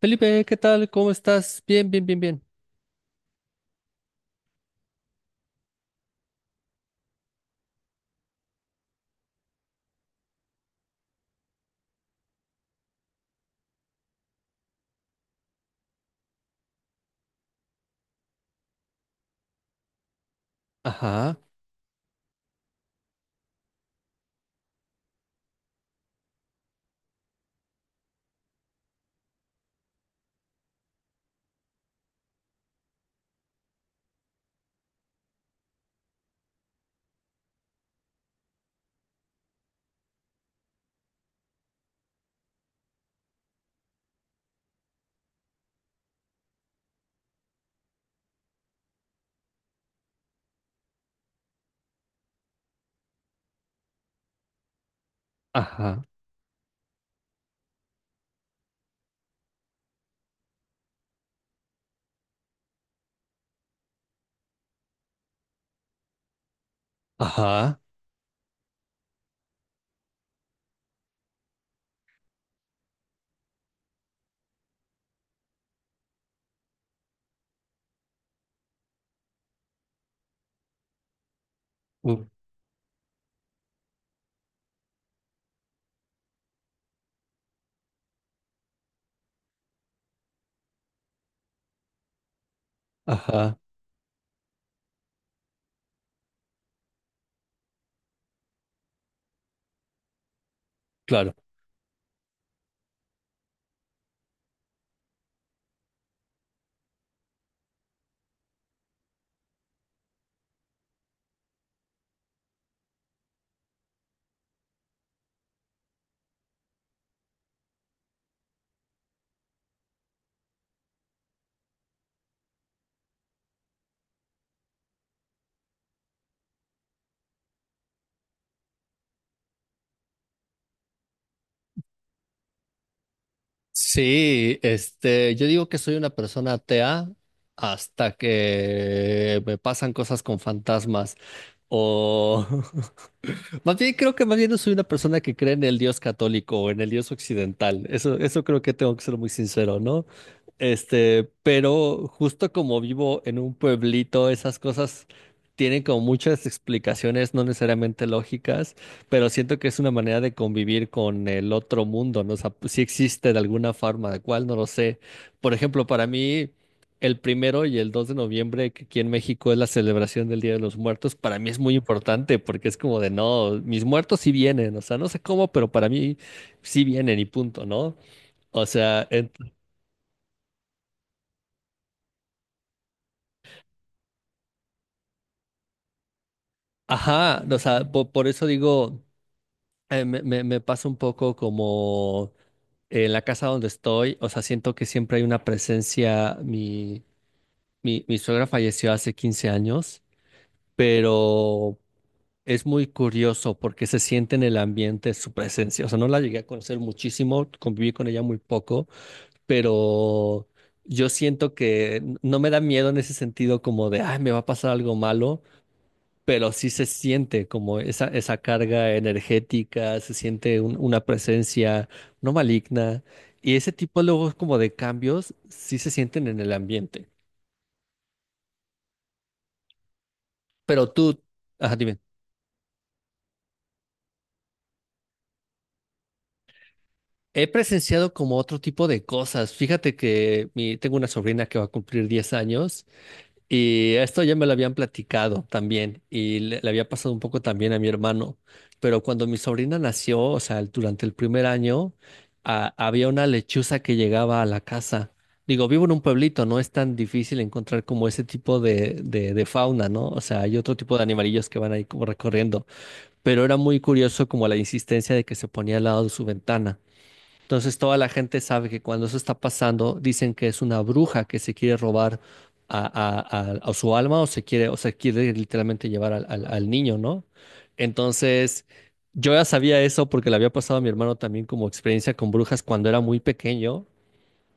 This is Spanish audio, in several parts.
Felipe, ¿qué tal? ¿Cómo estás? Bien, bien, bien, bien. Ajá, ajá, ajá, uh, ajá, claro. Sí, yo digo que soy una persona atea hasta que me pasan cosas con fantasmas o más bien creo que más bien no soy una persona que cree en el Dios católico o en el Dios occidental. Eso creo que tengo que ser muy sincero, ¿no? Pero justo como vivo en un pueblito, esas cosas tienen como muchas explicaciones no necesariamente lógicas, pero siento que es una manera de convivir con el otro mundo, ¿no? O sea, pues, sí existe de alguna forma, de cuál no lo sé. Por ejemplo, para mí, el primero y el 2 de noviembre, que aquí en México es la celebración del Día de los Muertos, para mí es muy importante porque es como de, no, mis muertos sí vienen, o sea, no sé cómo, pero para mí sí vienen y punto, ¿no? O sea, ajá, o sea, por, eso digo, me pasa un poco como en la casa donde estoy, o sea, siento que siempre hay una presencia. Mi suegra falleció hace 15 años, pero es muy curioso porque se siente en el ambiente su presencia. O sea, no la llegué a conocer muchísimo, conviví con ella muy poco, pero yo siento que no me da miedo en ese sentido como de, ay, me va a pasar algo malo, pero sí se siente como esa carga energética, se siente una presencia no maligna, y ese tipo luego como de cambios sí se sienten en el ambiente. Pero tú, ajá, he presenciado como otro tipo de cosas. Fíjate que mi, tengo una sobrina que va a cumplir 10 años y esto ya me lo habían platicado también y le había pasado un poco también a mi hermano. Pero cuando mi sobrina nació, o sea, durante el primer año, había una lechuza que llegaba a la casa. Digo, vivo en un pueblito, no es tan difícil encontrar como ese tipo de, de fauna, ¿no? O sea, hay otro tipo de animalillos que van ahí como recorriendo. Pero era muy curioso como la insistencia de que se ponía al lado de su ventana. Entonces toda la gente sabe que cuando eso está pasando, dicen que es una bruja que se quiere robar a, a su alma, o se quiere literalmente llevar al, al niño, ¿no? Entonces yo ya sabía eso porque le había pasado a mi hermano también como experiencia con brujas cuando era muy pequeño.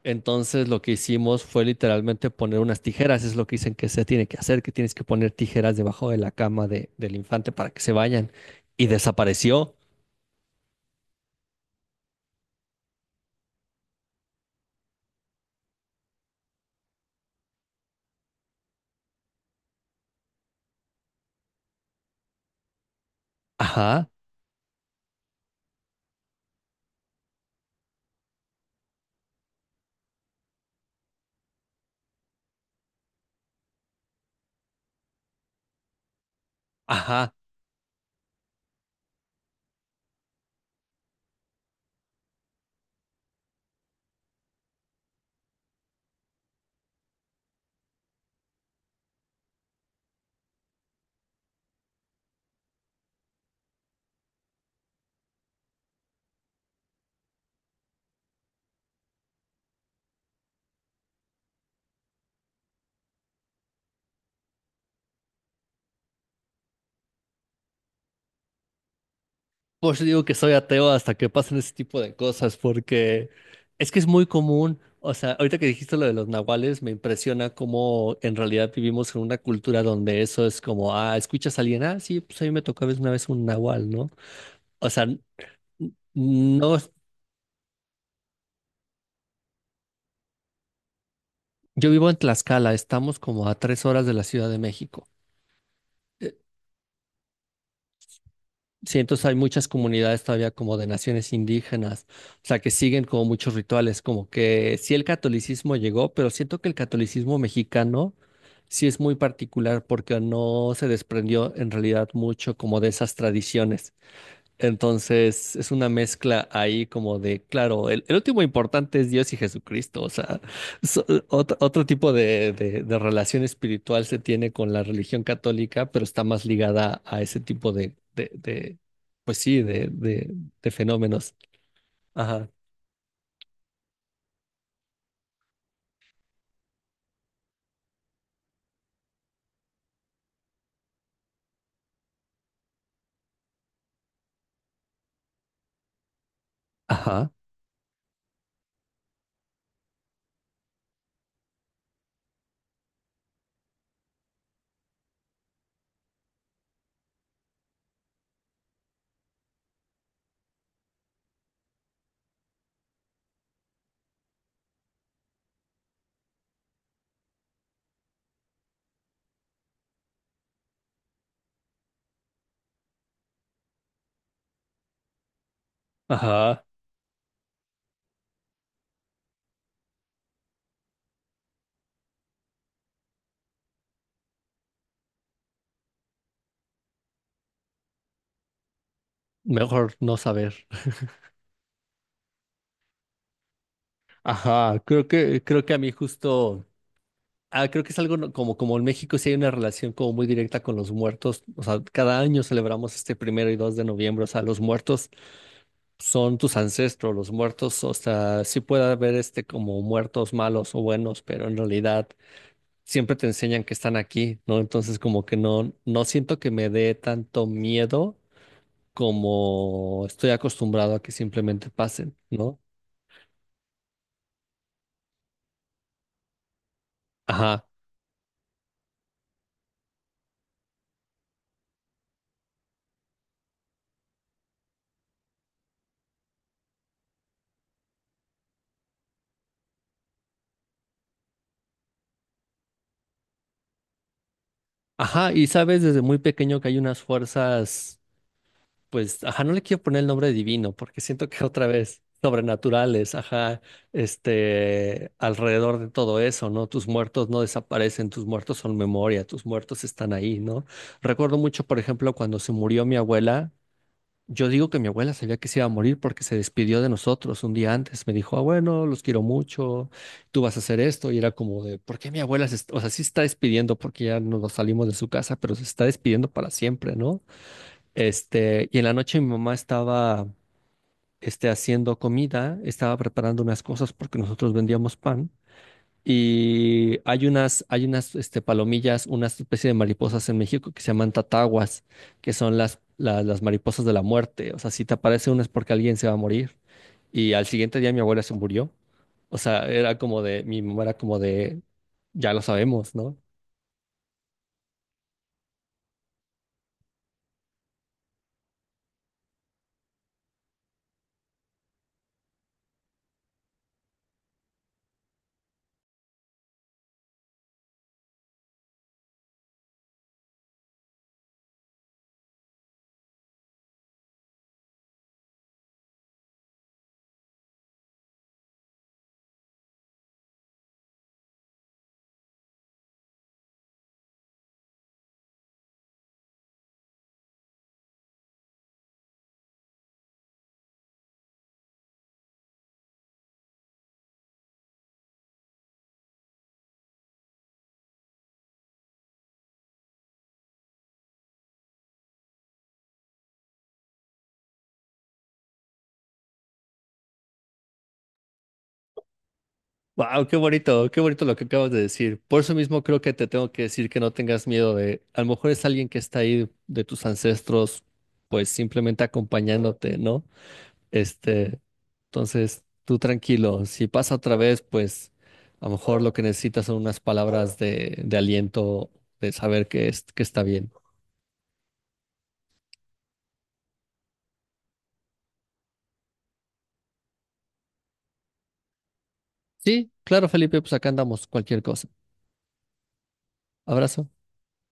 Entonces lo que hicimos fue literalmente poner unas tijeras, es lo que dicen que se tiene que hacer, que tienes que poner tijeras debajo de la cama del infante para que se vayan. Y desapareció. Ajá, ajá. Pues yo digo que soy ateo hasta que pasen ese tipo de cosas, porque es que es muy común. O sea, ahorita que dijiste lo de los nahuales, me impresiona cómo en realidad vivimos en una cultura donde eso es como, ah, ¿escuchas a alguien? Ah, sí, pues a mí me tocó a veces una vez un nahual, ¿no? O sea, no, yo vivo en Tlaxcala, estamos como a 3 horas de la Ciudad de México. Eh, Sí, entonces hay muchas comunidades todavía como de naciones indígenas, o sea, que siguen como muchos rituales, como que sí el catolicismo llegó, pero siento que el catolicismo mexicano, sí, es muy particular porque no se desprendió en realidad mucho como de esas tradiciones. Entonces, es una mezcla ahí como de, claro, el último importante es Dios y Jesucristo, o sea, otro, otro tipo de, de relación espiritual se tiene con la religión católica, pero está más ligada a ese tipo de, pues sí, de fenómenos. Ajá, ajá, ajá, mejor no saber. Ajá, creo que a mí justo... Ah, creo que es algo como, como en México sí hay una relación como muy directa con los muertos. O sea, cada año celebramos este primero y dos de noviembre. O sea, los muertos son tus ancestros, los muertos. O sea, sí puede haber este como muertos malos o buenos, pero en realidad siempre te enseñan que están aquí, ¿no? Entonces como que no, no siento que me dé tanto miedo, como estoy acostumbrado a que simplemente pasen, ¿no? Ajá. Ajá, y sabes desde muy pequeño que hay unas fuerzas. Pues, ajá, no le quiero poner el nombre divino porque siento que otra vez, sobrenaturales, ajá, alrededor de todo eso, ¿no? Tus muertos no desaparecen, tus muertos son memoria, tus muertos están ahí, ¿no? Recuerdo mucho, por ejemplo, cuando se murió mi abuela, yo digo que mi abuela sabía que se iba a morir porque se despidió de nosotros un día antes, me dijo, ah, bueno, los quiero mucho, tú vas a hacer esto, y era como de, ¿por qué mi abuela se, o sea, sí está despidiendo porque ya nos salimos de su casa, pero se está despidiendo para siempre, ¿no? Y en la noche mi mamá estaba, haciendo comida, estaba preparando unas cosas porque nosotros vendíamos pan. Y hay unas, hay unas, palomillas, una especie de mariposas en México que se llaman tataguas, que son las, las mariposas de la muerte. O sea, si te aparece una es porque alguien se va a morir. Y al siguiente día mi abuela se murió. O sea, era como de, mi mamá era como de, ya lo sabemos, ¿no? Wow, qué bonito lo que acabas de decir. Por eso mismo creo que te tengo que decir que no tengas miedo de, a lo mejor es alguien que está ahí de tus ancestros, pues simplemente acompañándote, ¿no? Este, entonces, tú tranquilo, si pasa otra vez, pues a lo mejor lo que necesitas son unas palabras de aliento, de saber que, es, que está bien. Sí, claro, Felipe, pues acá andamos, cualquier cosa. Abrazo.